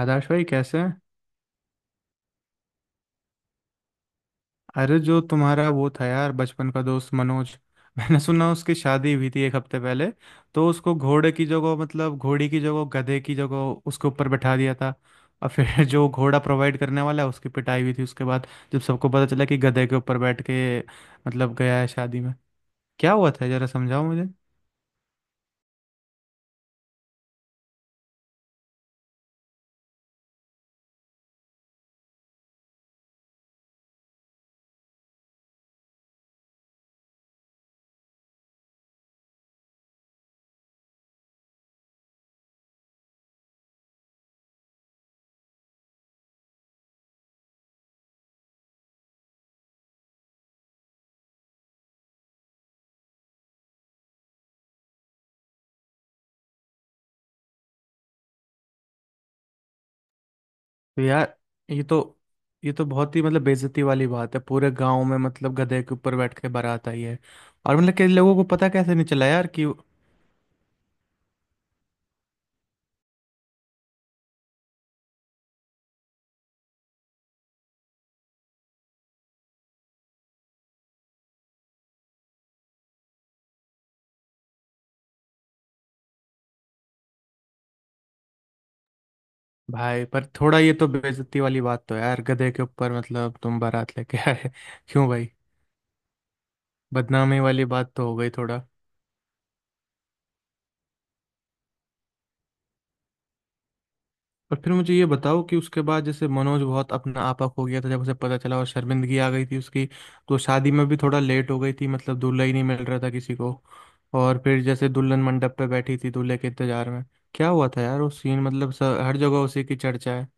आदर्श भाई कैसे हैं? अरे, जो तुम्हारा वो था यार बचपन का दोस्त मनोज। मैंने सुना उसकी शादी हुई थी एक हफ्ते पहले। तो उसको घोड़े की जगह मतलब घोड़ी की जगह गधे की जगह उसके ऊपर बैठा दिया था। और फिर जो घोड़ा प्रोवाइड करने वाला है उसकी पिटाई हुई थी उसके बाद। जब सबको पता चला कि गधे के ऊपर बैठ के मतलब गया है शादी में, क्या हुआ था जरा समझाओ मुझे। तो यार, ये तो ये तो बहुत ही मतलब बेइज्जती वाली बात है, पूरे गांव में मतलब गधे के ऊपर बैठ के बारात आई है। और मतलब कई लोगों को पता कैसे नहीं चला यार कि। भाई, पर थोड़ा ये तो बेइज्जती वाली बात तो है यार, गधे के ऊपर मतलब तुम बारात लेके आए क्यों भाई? बदनामी वाली बात तो हो गई थोड़ा। और फिर मुझे ये बताओ कि उसके बाद जैसे मनोज बहुत अपना आपा खो गया था जब उसे पता चला, और शर्मिंदगी आ गई थी उसकी। तो शादी में भी थोड़ा लेट हो गई थी, मतलब दूल्हा ही नहीं मिल रहा था किसी को। और फिर जैसे दुल्हन मंडप पे बैठी थी दूल्हे के इंतजार में, क्या हुआ था यार वो सीन, मतलब हर जगह उसी की चर्चा है।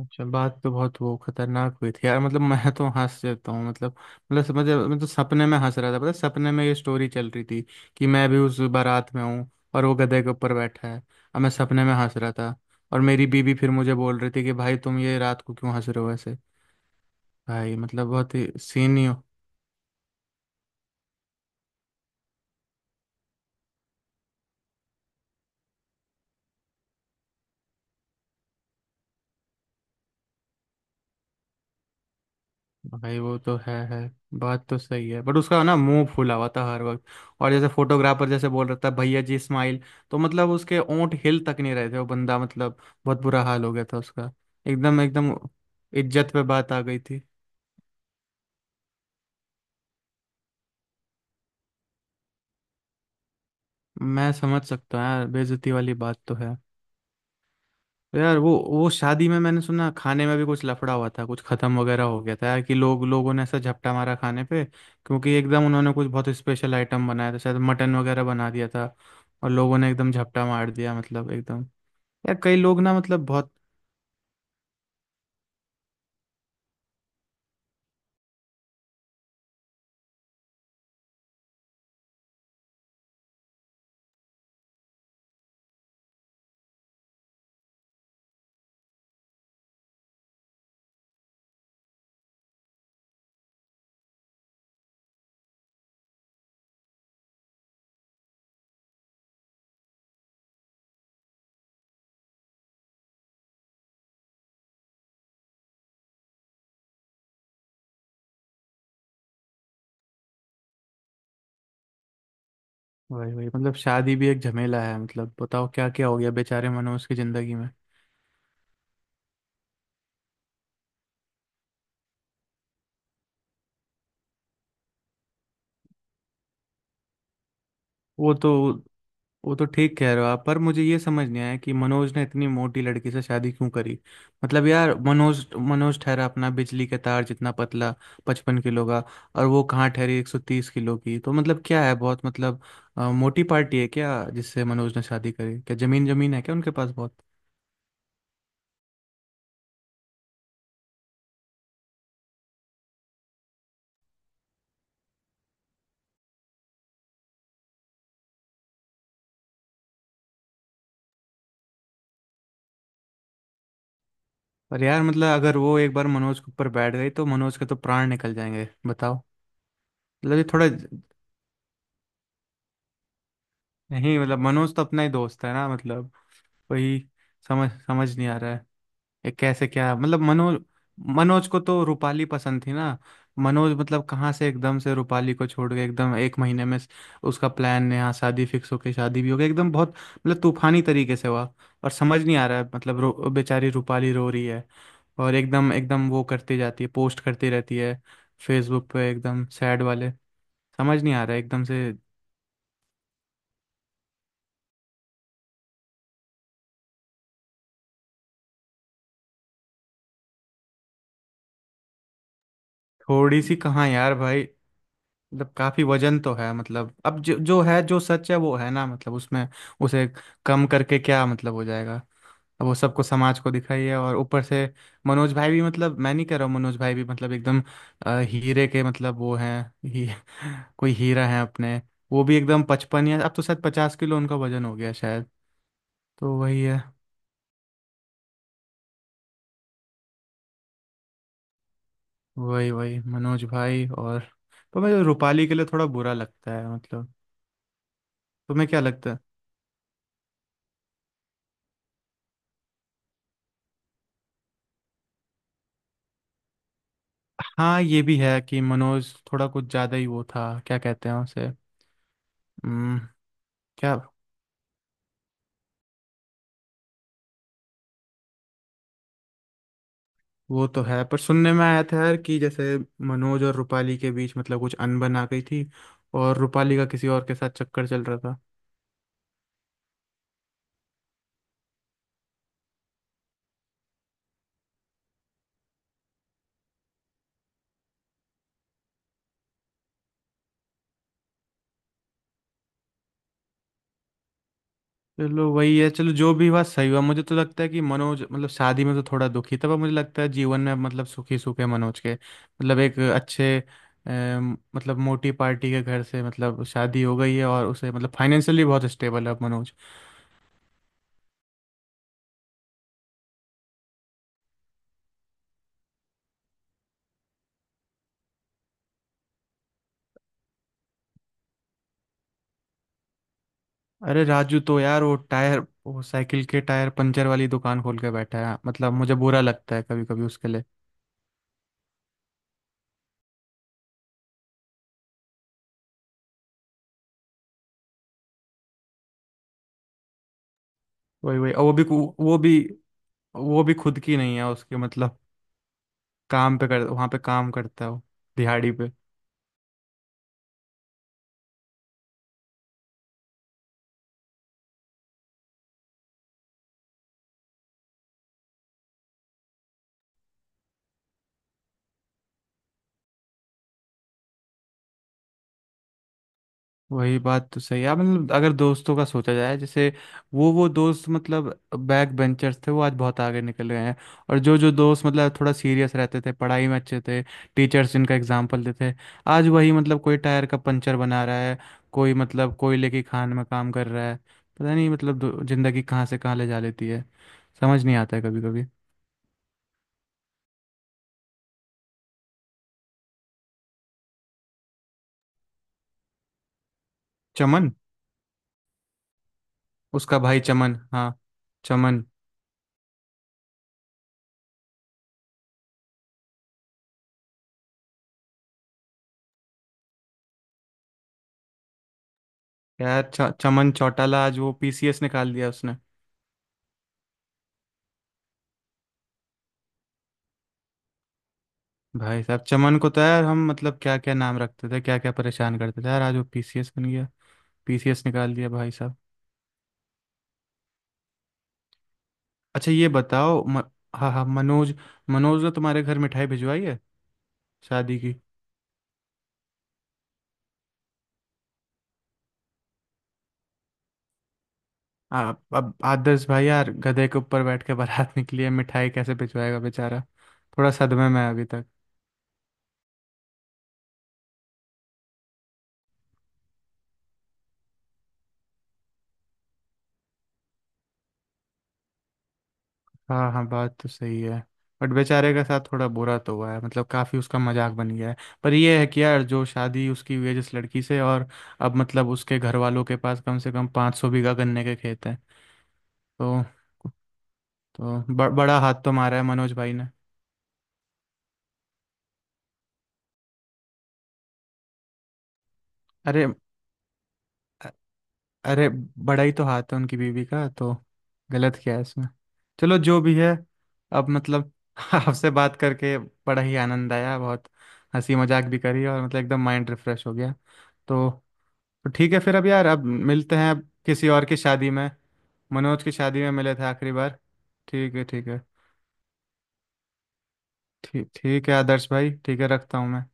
अच्छा, बात तो बहुत वो खतरनाक हुई थी यार, मतलब मैं तो हंस जाता हूँ मतलब। मतलब समझ, मैं तो सपने में हंस रहा था, पता है, सपने में ये स्टोरी चल रही थी कि मैं भी उस बारात में हूँ, और वो गधे के ऊपर बैठा है, और मैं सपने में हंस रहा था। और मेरी बीबी फिर मुझे बोल रही थी कि भाई तुम ये रात को क्यों हंस रहे हो ऐसे। भाई मतलब बहुत ही सीन ही। भाई वो तो है है। बात तो सही है, बट उसका ना मुंह फूला हुआ था हर वक्त। और जैसे फोटोग्राफर जैसे बोल रहा था, भैया जी स्माइल, तो मतलब उसके ओंठ हिल तक नहीं रहे थे, वो बंदा मतलब बहुत बुरा हाल हो गया था उसका। एकदम एकदम इज्जत पे बात आ गई थी। मैं समझ सकता हूँ यार, बेइज्जती वाली बात तो है। तो यार वो शादी में मैंने सुना खाने में भी कुछ लफड़ा हुआ था, कुछ खत्म वगैरह हो गया था यार। कि लोग, लोगों ने ऐसा झपटा मारा खाने पे, क्योंकि एकदम उन्होंने कुछ बहुत स्पेशल आइटम बनाया था, शायद मटन वगैरह बना दिया था। और लोगों ने एकदम झपटा मार दिया मतलब एकदम। यार कई लोग ना मतलब बहुत। वही वही, मतलब शादी भी एक झमेला है, मतलब बताओ क्या क्या हो गया बेचारे मनोज की जिंदगी में। वो तो वो तो ठीक कह रहे हो आप, पर मुझे ये समझ नहीं आया कि मनोज ने इतनी मोटी लड़की से शादी क्यों करी। मतलब यार, मनोज मनोज ठहरा अपना बिजली के तार जितना पतला, 55 किलो का। और वो कहाँ ठहरी 130 किलो की, तो मतलब क्या है बहुत मतलब, मोटी पार्टी है क्या जिससे मनोज ने शादी करी? क्या जमीन जमीन है क्या उनके पास बहुत? पर यार मतलब, अगर वो एक बार मनोज के ऊपर बैठ गई तो मनोज के तो प्राण निकल जाएंगे, बताओ। मतलब ये थोड़ा, नहीं मतलब, मनोज तो अपना ही दोस्त है ना मतलब। वही। समझ समझ नहीं आ रहा है ये कैसे, क्या मतलब मनोज, मनोज को तो रूपाली पसंद थी ना। मनोज मतलब कहाँ से एकदम से रूपाली को छोड़ के, एकदम एक महीने में उसका प्लान यहाँ शादी फिक्स हो के शादी भी हो गई, एकदम बहुत मतलब तूफानी तरीके से हुआ। और समझ नहीं आ रहा है, मतलब रो, बेचारी रूपाली रो रही है। और एकदम एकदम वो करती जाती है, पोस्ट करती रहती है फेसबुक पे एकदम सैड वाले। समझ नहीं आ रहा है एकदम से। थोड़ी सी कहाँ यार भाई, मतलब काफी वजन तो है, मतलब अब जो जो है, जो सच है वो है ना मतलब, उसमें उसे कम करके क्या मतलब हो जाएगा? अब वो सबको, समाज को दिखाई है, और ऊपर से मनोज भाई भी, मतलब मैं नहीं कह रहा हूँ, मनोज भाई भी मतलब एकदम, हीरे के मतलब वो हैं ही, कोई हीरा है अपने? वो भी एकदम 55, या अब तो शायद 50 किलो उनका वजन हो गया शायद। तो वही है। वही वही, मनोज भाई। और तो मुझे रूपाली के लिए थोड़ा बुरा लगता है मतलब। तुम्हें क्या लगता है? हाँ, ये भी है कि मनोज थोड़ा कुछ ज्यादा ही वो था, क्या कहते हैं उसे। हम्म, क्या वो तो है, पर सुनने में आया था यार कि जैसे मनोज और रूपाली के बीच मतलब कुछ अनबन आ गई थी, और रूपाली का किसी और के साथ चक्कर चल रहा था। चलो वही है, चलो जो भी हुआ सही हुआ। मुझे तो लगता है कि मनोज मतलब शादी में तो थोड़ा दुखी था, पर मुझे लगता है जीवन में मतलब सुखी, सुख है मनोज के मतलब। एक अच्छे मतलब मोटी पार्टी के घर से मतलब शादी हो गई है, और उसे मतलब फाइनेंशियली बहुत स्टेबल है अब मनोज। अरे राजू तो यार वो टायर, वो साइकिल के टायर पंचर वाली दुकान खोल के बैठा है, मतलब मुझे बुरा लगता है कभी कभी उसके लिए। वही वही। और वो भी वो भी, वो भी खुद की नहीं है उसके मतलब, काम पे कर, वहाँ पे काम करता है वो, दिहाड़ी पे। वही बात तो सही है, मतलब अगर दोस्तों का सोचा जाए जैसे, वो दोस्त मतलब बैक बेंचर्स थे वो आज बहुत आगे निकल गए हैं। और जो जो दोस्त मतलब थोड़ा सीरियस रहते थे, पढ़ाई में अच्छे थे, टीचर्स जिनका एग्जाम्पल देते थे, आज वही मतलब कोई टायर का पंचर बना रहा है, कोई मतलब कोयले की खान में काम कर रहा है। पता नहीं मतलब जिंदगी कहाँ से कहाँ ले जा लेती है, समझ नहीं आता है कभी कभी। चमन। उसका भाई चमन, हाँ। चमन। यार चमन चौटाला, आज वो पीसीएस निकाल दिया उसने। भाई साहब चमन को तो यार, हम मतलब क्या क्या नाम रखते थे, क्या क्या परेशान करते थे यार, आज वो पीसीएस बन गया, पीसीएस निकाल दिया भाई साहब। अच्छा ये बताओ हाँ हाँ, मनोज, मनोज ने तुम्हारे घर मिठाई भिजवाई है शादी की? अब आदर्श भाई यार, गधे के ऊपर बैठ के बारात निकली है, मिठाई कैसे भिजवाएगा बेचारा, थोड़ा सदमे में है अभी तक। हाँ हाँ, बात तो सही है। बट बेचारे के साथ थोड़ा बुरा तो हुआ है, मतलब काफ़ी उसका मजाक बन गया है। पर ये है कि यार, जो शादी उसकी हुई है जिस लड़की से, और अब मतलब उसके घर वालों के पास कम से कम 500 बीघा गन्ने के खेत हैं, तो तो बड़ा हाथ तो मारा है मनोज भाई ने। अरे, अरे बड़ा ही तो हाथ है उनकी बीवी का तो, गलत क्या है इसमें? चलो जो भी है, अब मतलब आपसे बात करके बड़ा ही आनंद आया बहुत, हंसी मजाक भी करी, और मतलब एकदम माइंड रिफ्रेश हो गया। तो ठीक है फिर, अब यार अब मिलते हैं, अब किसी और की शादी में। मनोज की शादी में मिले थे आखिरी बार। ठीक है, ठीक है। ठीक, ठीक है आदर्श भाई, ठीक है, रखता हूँ मैं।